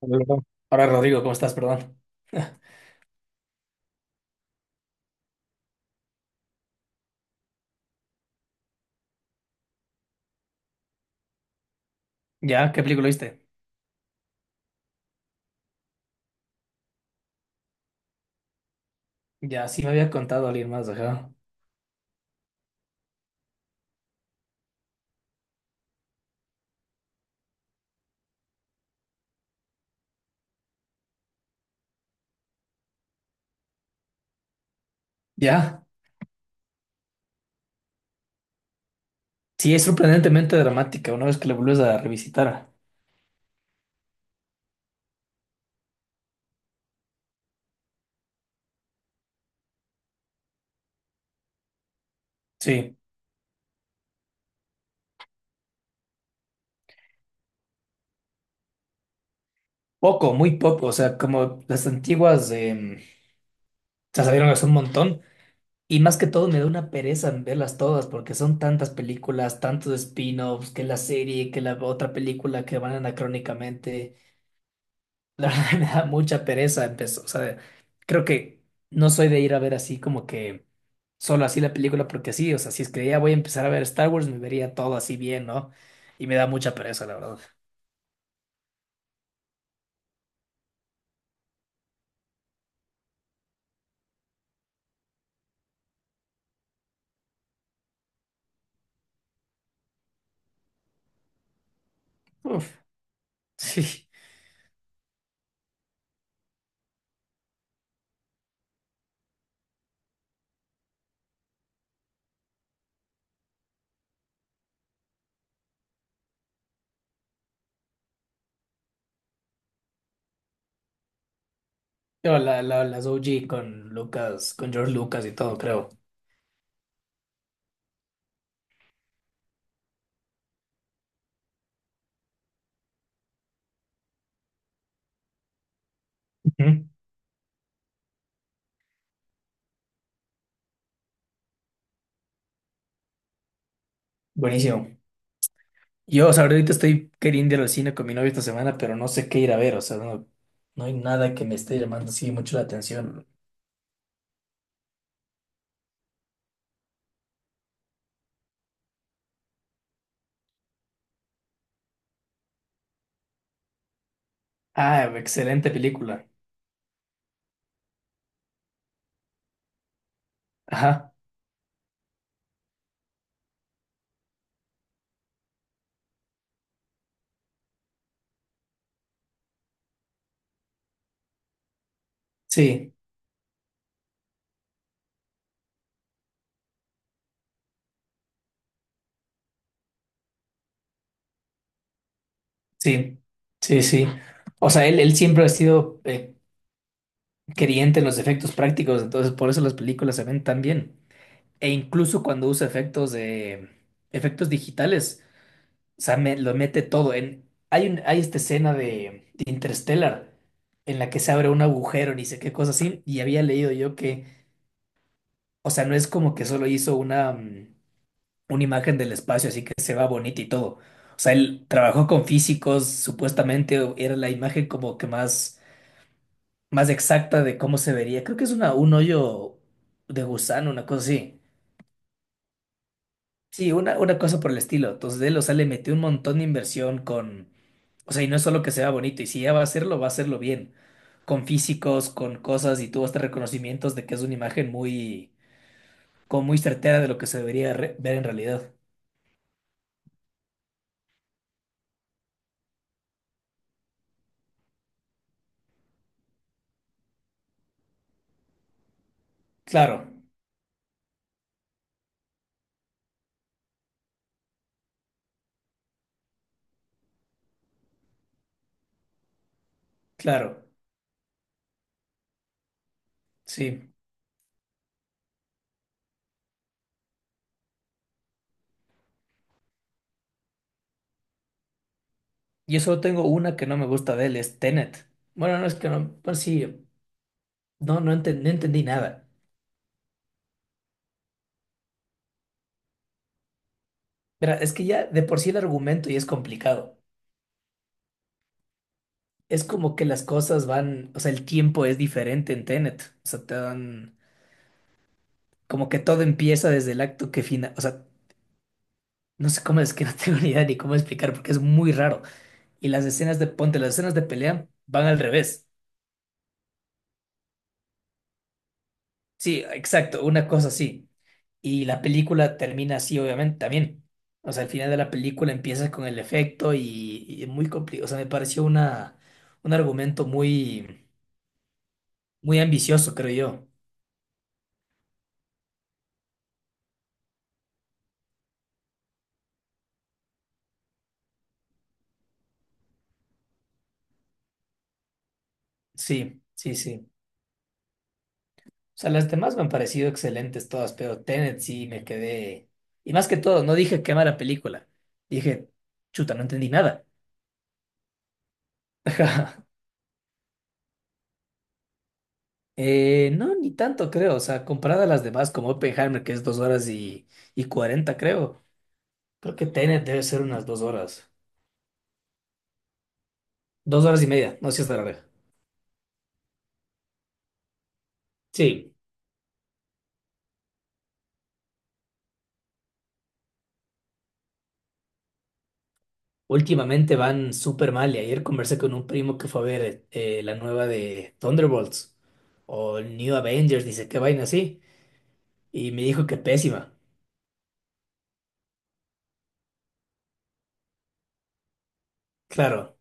Hola. Ahora, Rodrigo, ¿cómo estás? Perdón. ¿Ya? ¿Qué película viste? Ya, sí me había contado alguien más, ajá. Ya. Sí, es sorprendentemente dramática una vez que la vuelves a revisitar. Sí. Poco, muy poco. O sea, como las antiguas se salieron hace un montón. Y más que todo me da una pereza en verlas todas porque son tantas películas, tantos spin-offs, que la serie, que la otra película que van anacrónicamente. La verdad me da mucha pereza empezó, o sea, creo que no soy de ir a ver así como que solo así la película porque sí, o sea, si es que ya voy a empezar a ver Star Wars me vería todo así bien, ¿no? Y me da mucha pereza, la verdad. Uf, sí. Yo las OG con Lucas, con George Lucas y todo, creo. Ujú. Buenísimo. Yo, o sea, ahorita estoy queriendo ir al cine con mi novia esta semana, pero no sé qué ir a ver, o sea, no, no hay nada que me esté llamando así mucho la atención. Ah, excelente película. Ajá, sí. Sí, sí, sí. O sea, él siempre ha sido creyente en los efectos prácticos, entonces por eso las películas se ven tan bien. E incluso cuando usa efectos digitales, o sea, me- lo mete todo. En, hay un, hay esta escena de Interstellar en la que se abre un agujero, ni sé qué cosa así, y había leído yo que, o sea, no es como que solo hizo una, una imagen del espacio, así que se va bonita y todo. O sea, él trabajó con físicos, supuestamente era la imagen como que más exacta de cómo se vería. Creo que es una, un hoyo de gusano, una cosa así. Sí, una cosa por el estilo. Entonces, de él, o sea, le metió un montón de inversión con... O sea, y no es solo que sea bonito, y si ya va a hacerlo bien. Con físicos, con cosas, y tuvo hasta reconocimientos de que es una imagen muy, como muy certera de lo que se debería re- ver en realidad. Claro, claro, sí. Yo solo tengo una que no me gusta de él, es Tenet. Bueno, no es que no, pues sí, no, no entendí nada. Mira, es que ya de por sí el argumento ya es complicado. Es como que las cosas van, o sea, el tiempo es diferente en Tenet. O sea, te dan como que todo empieza desde el acto que final, o sea, no sé cómo es que no tengo ni idea ni cómo explicar porque es muy raro. Y las escenas de ponte, las escenas de pelea van al revés. Sí, exacto, una cosa así. Y la película termina así, obviamente, también. O sea, al final de la película empieza con el efecto y es muy complicado. O sea, me pareció una, un argumento muy, muy ambicioso, creo yo. Sí, sí, sí. O sea, las demás me han parecido excelentes todas, pero Tenet sí me quedé. Y más que todo, no dije qué mala película. Dije, chuta, no entendí nada. No, ni tanto creo. O sea, comparada a las demás, como Oppenheimer, que es dos horas y 40 creo. Creo que Tenet debe ser unas dos horas. Dos horas y media, no sé si es larga. Sí, últimamente van súper mal. Y ayer conversé con un primo que fue a ver la nueva de Thunderbolts o New Avengers, dice qué vaina así. Y me dijo que pésima. Claro.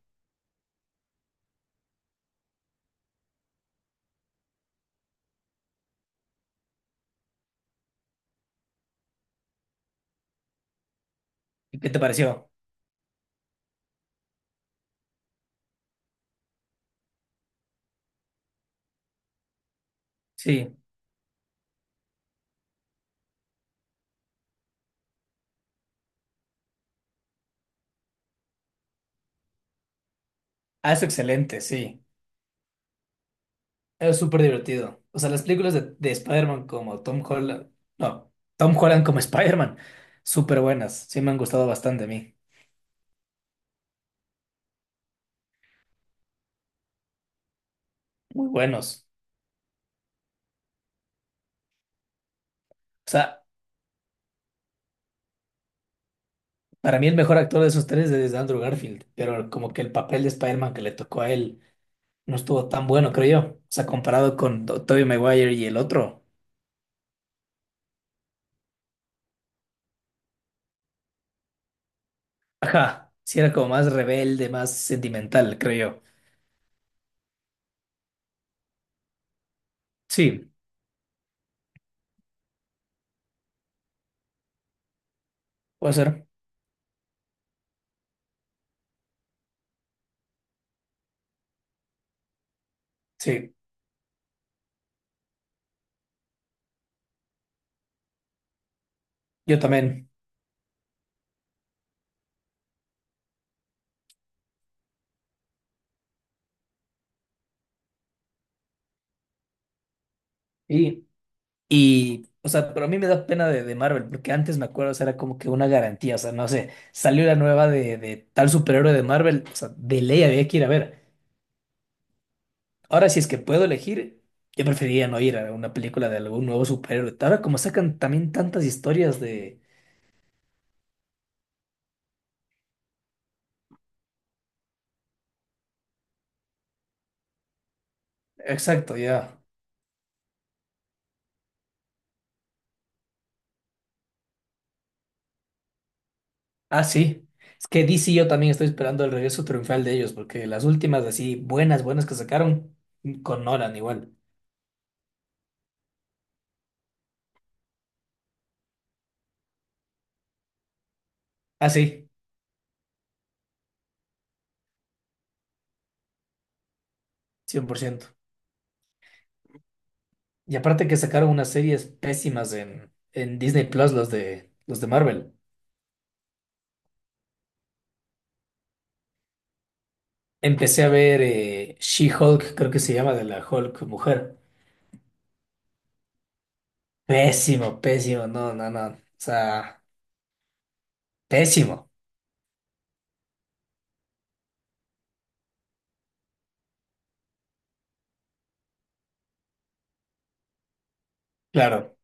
¿Y qué te pareció? Sí. Ah, es excelente, sí. Es súper divertido. O sea, las películas de Spider-Man como Tom Holland. No, Tom Holland como Spider-Man. Súper buenas. Sí, me han gustado bastante a mí. Muy buenos. O sea, para mí el mejor actor de esos tres es Andrew Garfield. Pero como que el papel de Spider-Man que le tocó a él no estuvo tan bueno, creo yo. O sea, comparado con Tobey Maguire y el otro. Ajá. Sí, era como más rebelde, más sentimental, creo yo. Sí, puede ser. Sí, yo también. Y, o sea, pero a mí me da pena de Marvel, porque antes me acuerdo, o sea, era como que una garantía, o sea, no sé, salió la nueva de tal superhéroe de Marvel, o sea, de ley había que ir a ver. Ahora, si es que puedo elegir, yo preferiría no ir a una película de algún nuevo superhéroe. Ahora, como sacan también tantas historias de... Exacto, ya. Ah, sí. Es que DC yo también estoy esperando el regreso triunfal de ellos, porque las últimas así buenas, buenas que sacaron, con Nolan igual. Ah, sí, 100%. Y aparte que sacaron unas series pésimas en Disney Plus, los de Marvel. Empecé a ver She-Hulk, creo que se llama, de la Hulk mujer. Pésimo, pésimo, no, no, no. O sea, pésimo, claro.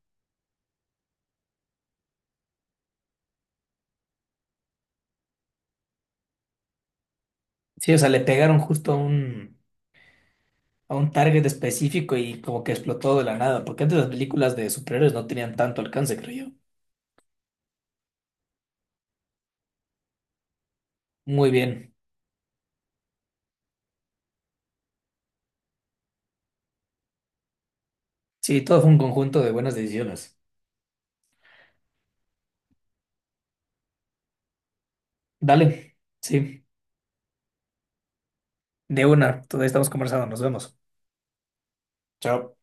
Sí, o sea, le pegaron justo a un target específico y como que explotó de la nada, porque antes las películas de superhéroes no tenían tanto alcance, creo yo. Muy bien. Sí, todo fue un conjunto de buenas decisiones. Dale, sí, de una. Todavía estamos conversando, nos vemos. Chao.